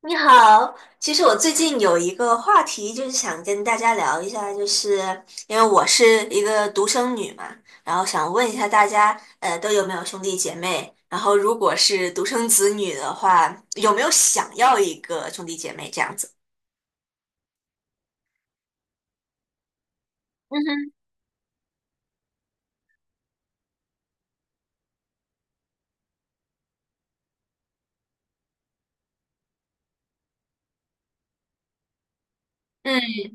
你好，其实我最近有一个话题，就是想跟大家聊一下，就是因为我是一个独生女嘛，然后想问一下大家，都有没有兄弟姐妹？然后如果是独生子女的话，有没有想要一个兄弟姐妹这样子？嗯哼，嗯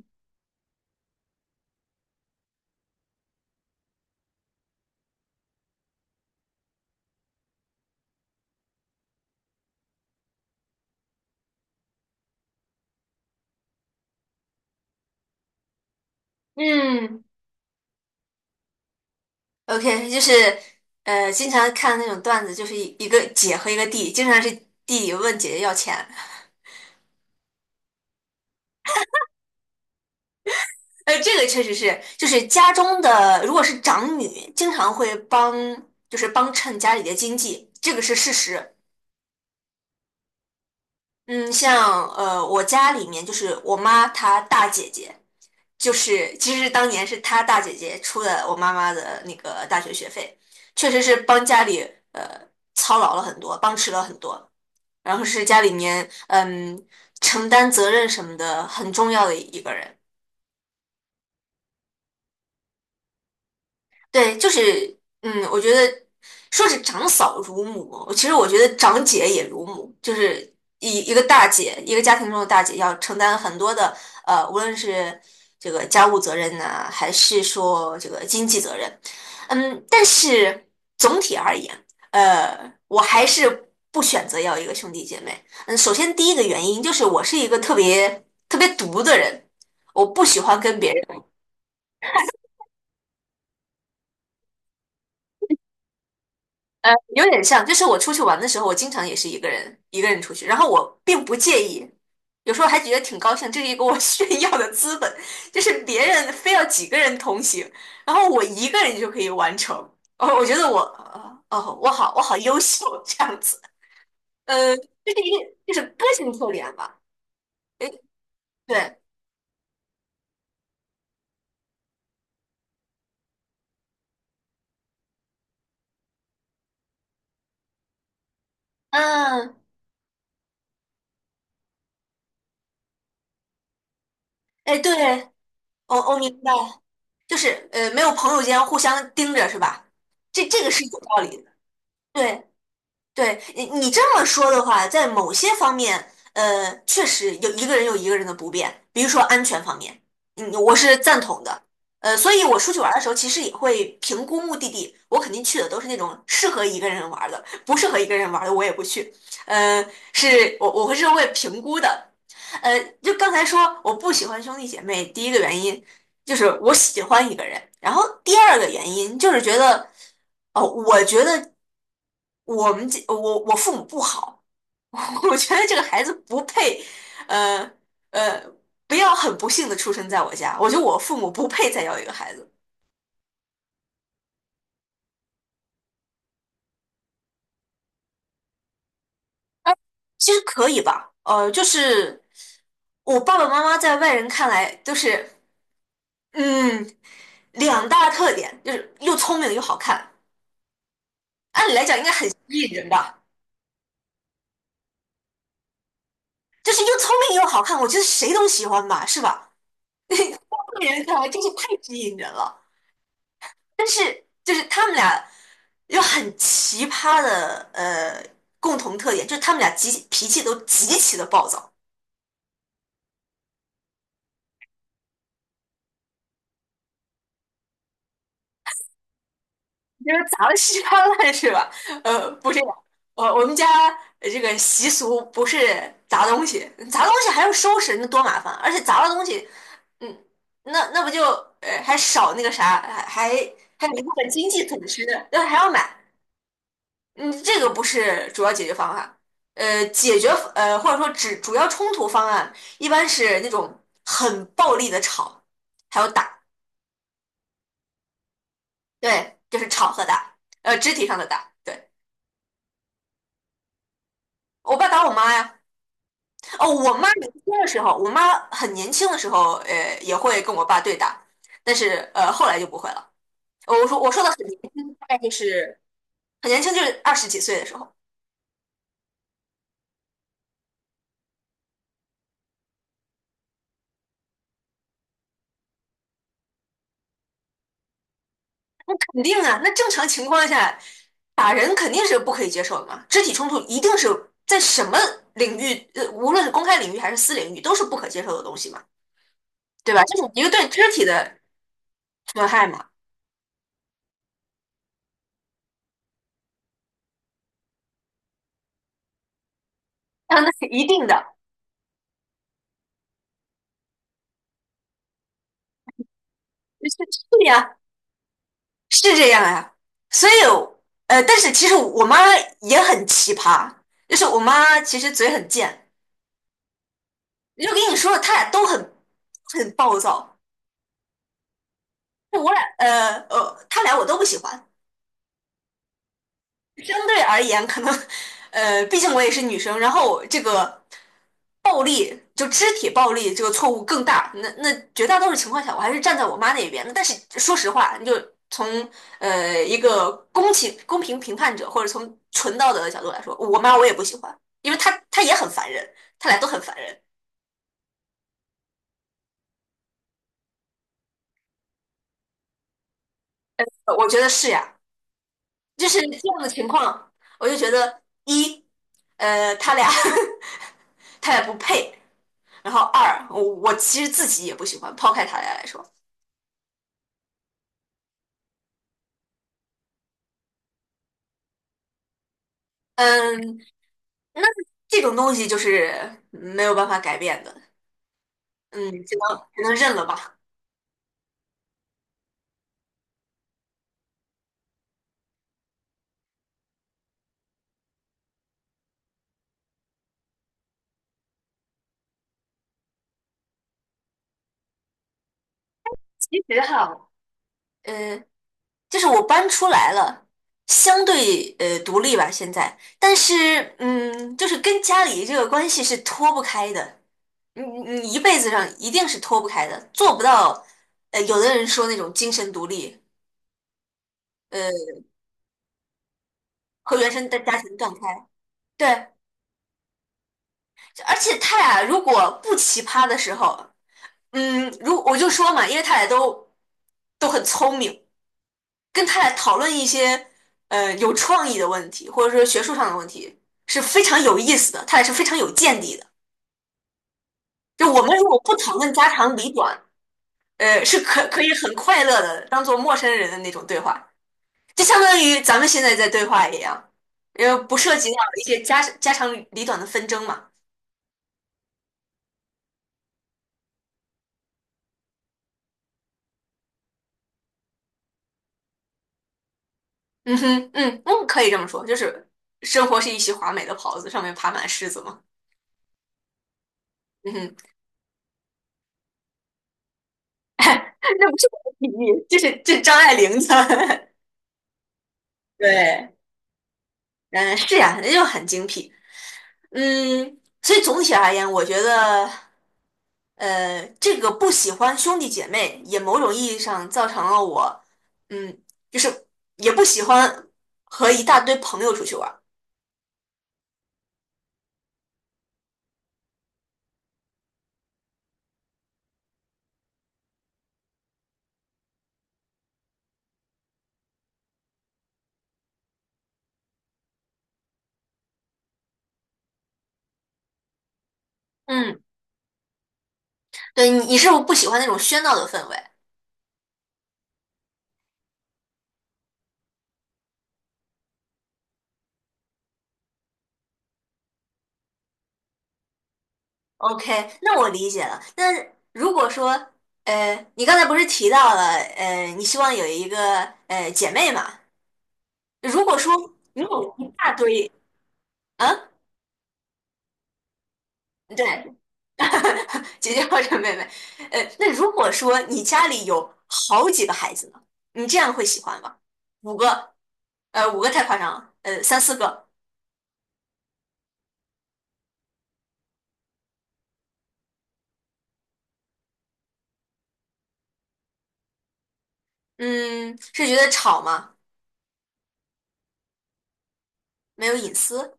嗯，OK，就是经常看那种段子，就是一个姐和一个弟，经常是弟弟问姐姐要钱。这个确实是，就是家中的，如果是长女，经常会帮，就是帮衬家里的经济，这个是事实。嗯，像我家里面就是我妈她大姐姐，就是其实当年是她大姐姐出了我妈妈的那个大学学费，确实是帮家里呃操劳了很多，帮持了很多，然后是家里面承担责任什么的很重要的一个人。对，就是，我觉得说是长嫂如母，其实我觉得长姐也如母，就是一个大姐，一个家庭中的大姐要承担很多的，无论是这个家务责任呐、还是说这个经济责任。但是总体而言，我还是不选择要一个兄弟姐妹。嗯，首先第一个原因就是我是一个特别特别独的人，我不喜欢跟别人。有点像，就是我出去玩的时候，我经常也是一个人一个人出去，然后我并不介意，有时候还觉得挺高兴，这是一个我 炫耀的资本，就是别人非要几个人同行，然后我一个人就可以完成。哦，我觉得我，我好优秀这样子。这是一个就是个性特点吧。哎，对，嗯，哎，对，我明白，就是没有朋友间互相盯着是吧？这个是有道理的。对。对，你这么说的话，在某些方面，确实有一个人有一个人的不便，比如说安全方面，我是赞同的。所以我出去玩的时候，其实也会评估目的地，我肯定去的都是那种适合一个人玩的，不适合一个人玩的我也不去。呃，是我会会评估的。就刚才说我不喜欢兄弟姐妹，第一个原因，就是我喜欢一个人。然后第二个原因就是觉得，哦，我觉得我们这我父母不好。我觉得这个孩子不配，呃呃，不要很不幸的出生在我家，我觉得我父母不配再要一个孩子。其实可以吧，就是我爸爸妈妈在外人看来都是，嗯，两大特点就是又聪明又好看，按理来讲应该很吸引人吧。就是又聪明又好看，我觉得谁都喜欢吧，是吧？聪明人看来真是太吸引人了。但是就是他们俩有很奇葩的共同特点，就是他们俩脾气都极其的暴躁。就是砸了稀巴烂是吧？不是这样。我们家这个习俗不是砸东西，砸东西还要收拾，那多麻烦，而且砸了东西。嗯，那不就还少那个啥，还有一部分经济损失，那还要买。嗯，这个不是主要解决方案。解决或者说只主要冲突方案，一般是那种很暴力的吵，还有打。对，就是吵和打，肢体上的打。对，我爸打我妈呀。哦，我妈年轻的时候，我妈很年轻的时候，也会跟我爸对打，但是后来就不会了。我说的很年轻，大概就是很年轻，就是二十几岁的时候。肯定啊，那正常情况下，打人肯定是不可以接受的嘛，肢体冲突一定是在什么领域，无论是公开领域还是私领域，都是不可接受的东西嘛，对吧？这是一个对肢体的损害嘛。啊，那是一定的。是是呀。是这样呀。所以，但是其实我妈也很奇葩，就是我妈其实嘴很贱，就跟你说，她俩都很暴躁。他俩我都不喜欢。相对而言，可能，毕竟我也是女生，然后这个暴力，就肢体暴力这个错误更大。那绝大多数情况下，我还是站在我妈那边的。但是说实话，你就从一个公平评判者，或者从纯道德的角度来说，我妈我也不喜欢，因为她也很烦人，她俩都很烦人。我觉得是呀，就是这样的情况，我就觉得一，他俩 他俩不配。然后二，我其实自己也不喜欢，抛开他俩来说。嗯，那这种东西就是没有办法改变的。嗯，只能认了吧。其实哈，呃，就是我搬出来了，相对独立吧，现在。但是就是跟家里这个关系是脱不开的，你一辈子上一定是脱不开的，做不到。有的人说那种精神独立，呃，和原生的家庭断开。对。而且他俩如果不奇葩的时候，如我就说嘛，因为他俩都很聪明，跟他俩讨论一些有创意的问题，或者说学术上的问题是非常有意思的，他俩是非常有见地的。就我们如果不讨论家长里短，是可以很快乐的当做陌生人的那种对话，就相当于咱们现在在对话一样，因为不涉及到一些家长里短的纷争嘛。嗯哼，嗯嗯，可以这么说，就是生活是一袭华美的袍子，上面爬满虱子嘛。嗯哼，那不是我的比喻，这是张爱玲的。对，嗯，是呀，那就很精辟。所以总体而言，我觉得，这个不喜欢兄弟姐妹，也某种意义上造成了我，嗯，就是也不喜欢和一大堆朋友出去玩儿。嗯，对，你是不是不喜欢那种喧闹的氛围？OK,那我理解了。那如果说，你刚才不是提到了，你希望有一个姐妹嘛？如果说你有一大堆，啊，对，姐姐或者妹妹。那如果说你家里有好几个孩子呢，你这样会喜欢吗？五个，五个太夸张了，三四个？嗯，是觉得吵吗？没有隐私？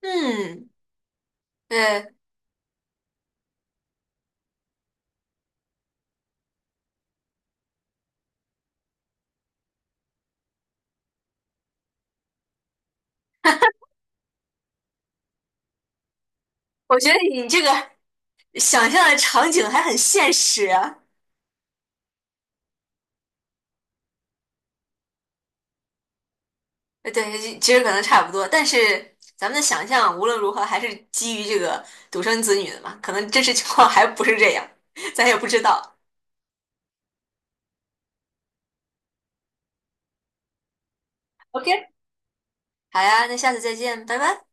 嗯，对，我觉得你这个想象的场景还很现实啊。对，其实可能差不多，但是咱们的想象无论如何还是基于这个独生子女的嘛，可能真实情况还不是这样，咱也不知道。OK,好呀，那下次再见，拜拜。